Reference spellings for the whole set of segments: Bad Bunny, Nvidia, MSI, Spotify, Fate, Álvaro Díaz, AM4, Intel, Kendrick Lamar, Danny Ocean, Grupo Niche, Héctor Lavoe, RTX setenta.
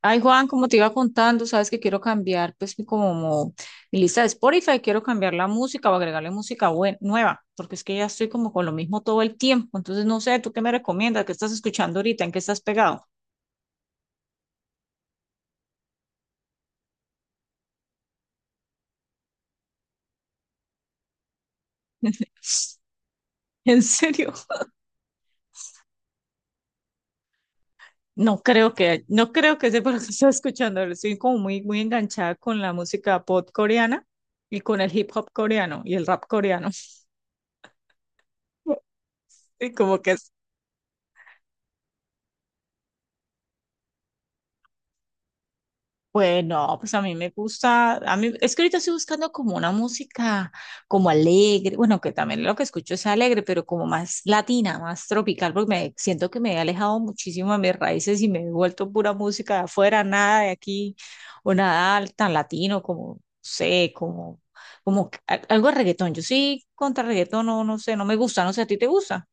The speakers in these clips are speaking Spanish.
Ay, Juan, como te iba contando, sabes que quiero cambiar, pues, como mi lista de Spotify, quiero cambiar la música o agregarle música nueva, porque es que ya estoy como con lo mismo todo el tiempo. Entonces, no sé, ¿tú qué me recomiendas? ¿Qué estás escuchando ahorita? ¿En qué estás pegado? En serio, no creo que sepa lo que estás escuchando. Estoy como muy, muy enganchada con la música pop coreana y con el hip hop coreano y el rap coreano. Y como que bueno, pues a mí me gusta, a mí es que ahorita estoy buscando como una música como alegre, bueno, que también lo que escucho es alegre, pero como más latina, más tropical, porque me siento que me he alejado muchísimo de mis raíces y me he vuelto pura música de afuera, nada de aquí o nada tan latino como, no sé, como algo de reggaetón. Yo sí contra reggaetón no sé, no me gusta, no sé, ¿a ti te gusta?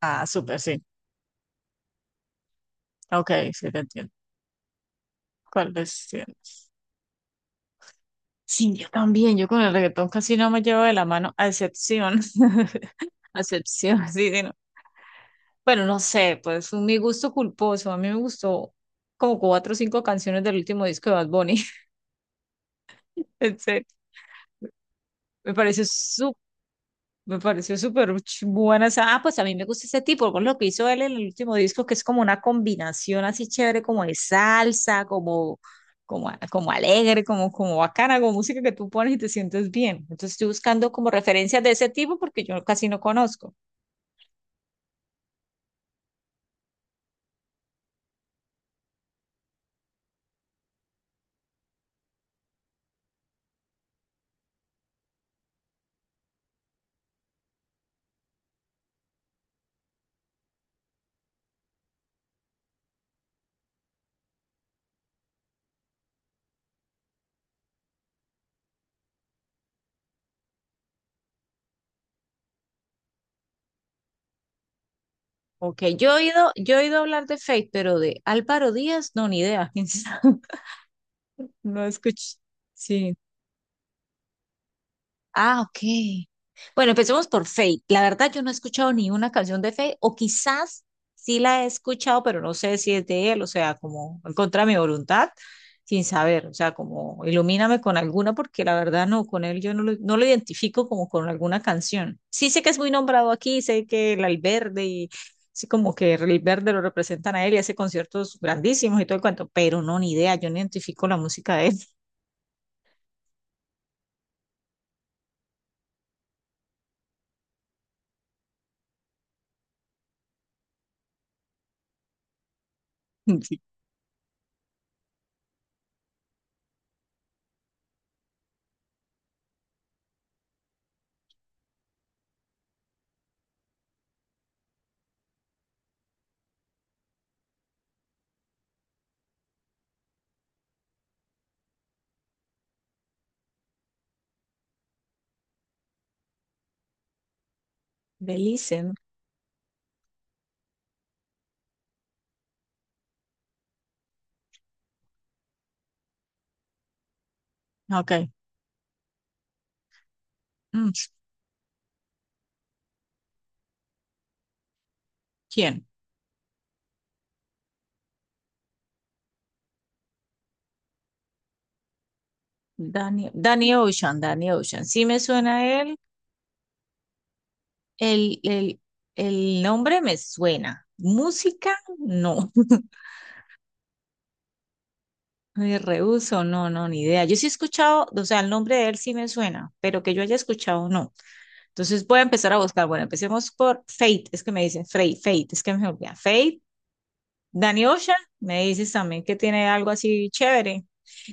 Ah, súper, sí. Ok, sí te entiendo. ¿Cuál es? Sí, yo también, yo con el reggaetón casi no me llevo de la mano, a excepción, a excepción, sí, sí, no. Bueno, no sé, pues un mi gusto culposo, a mí me gustó como cuatro o cinco canciones del último disco de Bad Bunny, en serio, me pareció me pareció súper buena esa. Ah, pues a mí me gusta ese tipo, por lo que hizo él en el último disco, que es como una combinación así chévere, como de salsa, como, como alegre, como bacana, como música que tú pones y te sientes bien. Entonces estoy buscando como referencias de ese tipo porque yo casi no conozco. Ok, yo he oído hablar de Fate, pero de Álvaro Díaz, no, ni idea. ¿Quién sabe? No escuché. Sí, ah, ok. Bueno, empecemos por Fate. La verdad, yo no he escuchado ni una canción de Fate, o quizás sí la he escuchado, pero no sé si es de él, o sea, como en contra de mi voluntad, sin saber, o sea, como ilumíname con alguna, porque la verdad no, con él yo no lo identifico como con alguna canción. Sí sé que es muy nombrado aquí, sé que el Alberde y sí como que el Verde lo representan a él y hace conciertos grandísimos y todo el cuento, pero no, ni idea, yo no identifico la música de él. De Listen. Ok. Mm, ¿quién? Danny Ocean. Sí me suena él. El, el, el nombre me suena. Música, no. Me rehúso, no, no, ni idea. Yo sí he escuchado, o sea, el nombre de él sí me suena, pero que yo haya escuchado, no. Entonces voy a empezar a buscar. Bueno, empecemos por Fate, es que me dicen Fate, Fate, es que me olvida. Fate, Danny Ocean, me dices también que tiene algo así chévere.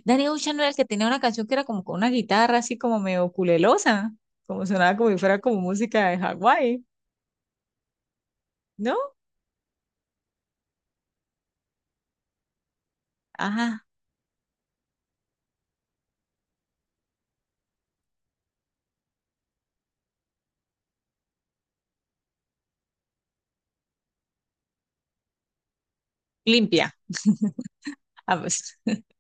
Danny Ocean no era el que tenía una canción que era como con una guitarra así como medio culelosa, como sonaba como si fuera como música de Hawái. ¿No? Ajá, limpia. Ah, pues,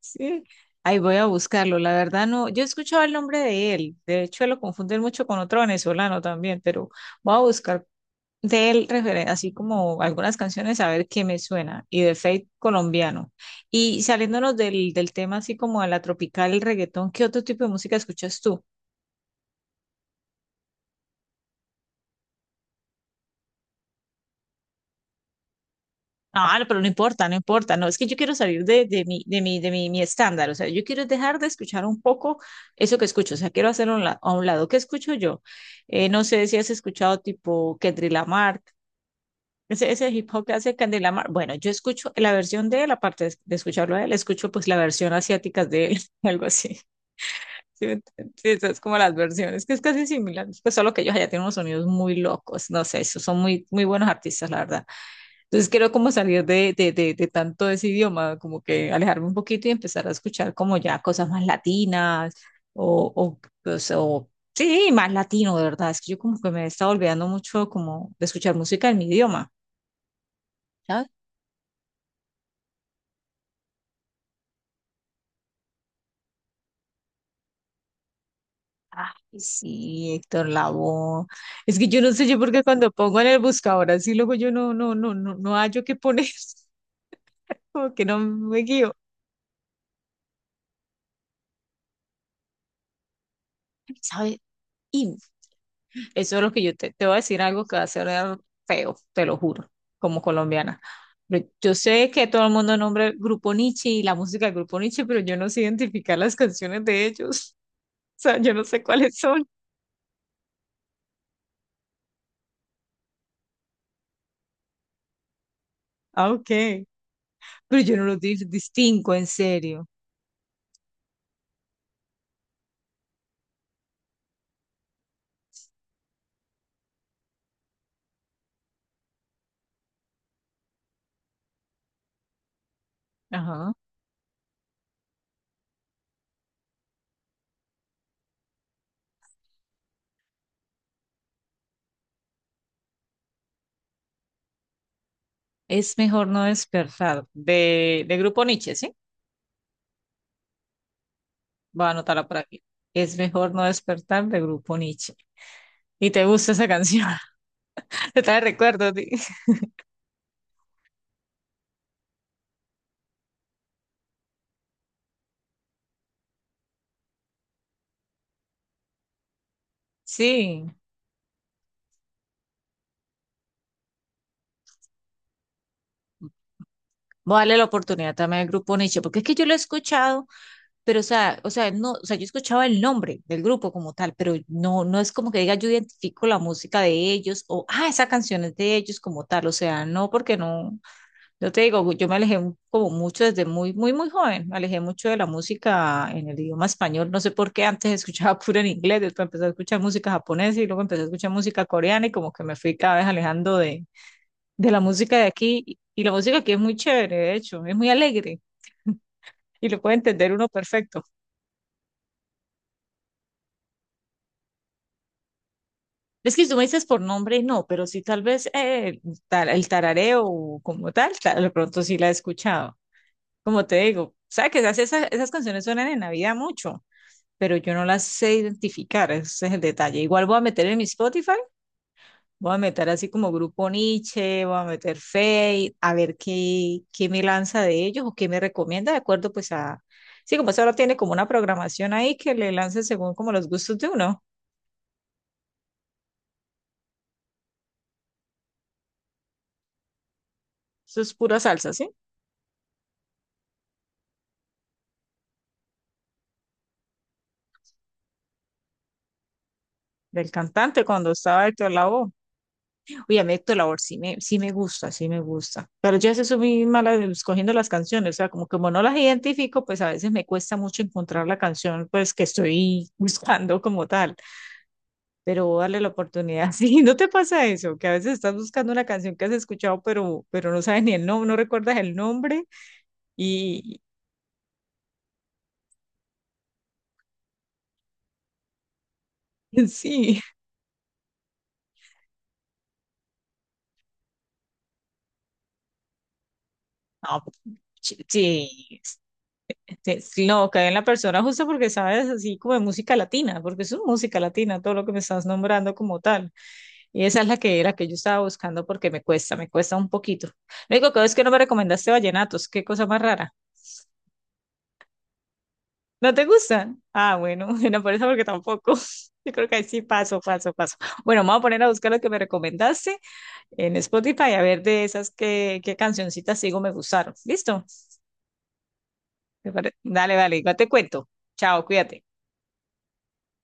sí. Ahí voy a buscarlo. La verdad no, yo he escuchado el nombre de él. De hecho, lo confunden mucho con otro venezolano también, pero voy a buscar de él así como algunas canciones a ver qué me suena. Y de Fate colombiano. Y saliéndonos del tema así como a la tropical, el reggaetón, ¿qué otro tipo de música escuchas tú? Ah, no, pero no importa, no importa, no, es que yo quiero salir de mi estándar, o sea, yo quiero dejar de escuchar un poco eso que escucho, o sea, quiero hacer un a un lado, ¿qué escucho yo? No sé si has escuchado tipo Kendrick Lamar, ese hip hop que hace Kendrick Lamar, bueno, yo escucho la versión de él, aparte de escucharlo a él, escucho pues la versión asiática de él, algo así, ¿sí me entiendes? Sí, esas como las versiones, que es casi similar, pues solo que ellos allá tienen unos sonidos muy locos, no sé, esos son muy, muy buenos artistas, la verdad. Entonces quiero como salir de tanto ese idioma, como que alejarme un poquito y empezar a escuchar como ya cosas más latinas o, o, pues, o- sí, más latino, de verdad. Es que yo como que me he estado olvidando mucho como de escuchar música en mi idioma. ¿Sabes? Ay, sí, Héctor Lavoe. Es que yo no sé yo porque cuando pongo en el buscador así luego yo no hallo qué poner, como que no me guío. ¿Sabe? Eso es lo que yo te voy a decir algo que va a ser feo, te lo juro, como colombiana. Pero yo sé que todo el mundo nombra el Grupo Niche y la música del Grupo Niche, pero yo no sé identificar las canciones de ellos. O sea, yo no sé cuáles son. Ah, ok. Pero yo no los distingo, en serio. Ajá. Es mejor no despertar de Grupo Niche, ¿sí? Voy a anotarla por aquí. Es mejor no despertar de Grupo Niche. Y te gusta esa canción. Te trae recuerdos. Di- Sí. Voy a darle la oportunidad también al grupo Nietzsche, porque es que yo lo he escuchado, pero o sea, no, o sea, yo escuchaba el nombre del grupo como tal, pero no, no es como que diga yo identifico la música de ellos o, ah, esa canción es de ellos como tal, o sea, no, porque no, yo te digo, yo me alejé como mucho desde muy, muy, muy joven, me alejé mucho de la música en el idioma español, no sé por qué antes escuchaba puro en inglés, después empecé a escuchar música japonesa y luego empecé a escuchar música coreana y como que me fui cada vez alejando de la música de aquí y la música aquí es muy chévere, de hecho, es muy alegre y lo puede entender uno perfecto. Es que si tú me dices por nombre, no, pero sí tal vez el tarareo como tal, tal, de pronto sí la he escuchado. Como te digo, sabes que esas canciones suenan en Navidad mucho, pero yo no las sé identificar, ese es el detalle. Igual voy a meter en mi Spotify. Voy a meter así como grupo Nietzsche, voy a meter fade, a ver qué me lanza de ellos o qué me recomienda, de acuerdo pues a... Sí, como eso ahora tiene como una programación ahí que le lance según como los gustos de uno. Eso es pura salsa, ¿sí? Del cantante cuando estaba Héctor Lavoe. Oye, a mí Héctor Lavoe sí me gusta, sí me gusta. Pero yo a veces soy muy mala escogiendo las canciones, o sea, como, como no las identifico, pues a veces me cuesta mucho encontrar la canción pues que estoy buscando como tal. Pero darle la oportunidad. Sí, ¿no te pasa eso? Que a veces estás buscando una canción que has escuchado, pero no sabes ni el nombre, no recuerdas el nombre y sí, no, sí, sí, sí, no, cae en la persona justo porque sabes así como de música latina, porque es una música latina, todo lo que me estás nombrando como tal. Y esa es la que era que yo estaba buscando porque me cuesta un poquito. Lo único que es que no me recomendaste vallenatos, qué cosa más rara. ¿No te gustan? Ah, bueno, no por eso porque tampoco. Yo creo que ahí sí paso, paso, paso. Bueno, me voy a poner a buscar lo que me recomendaste en Spotify a ver de esas que, qué qué cancioncitas sigo me gustaron. ¿Listo? ¿Te pare- Dale, dale, igual te cuento. Chao, cuídate.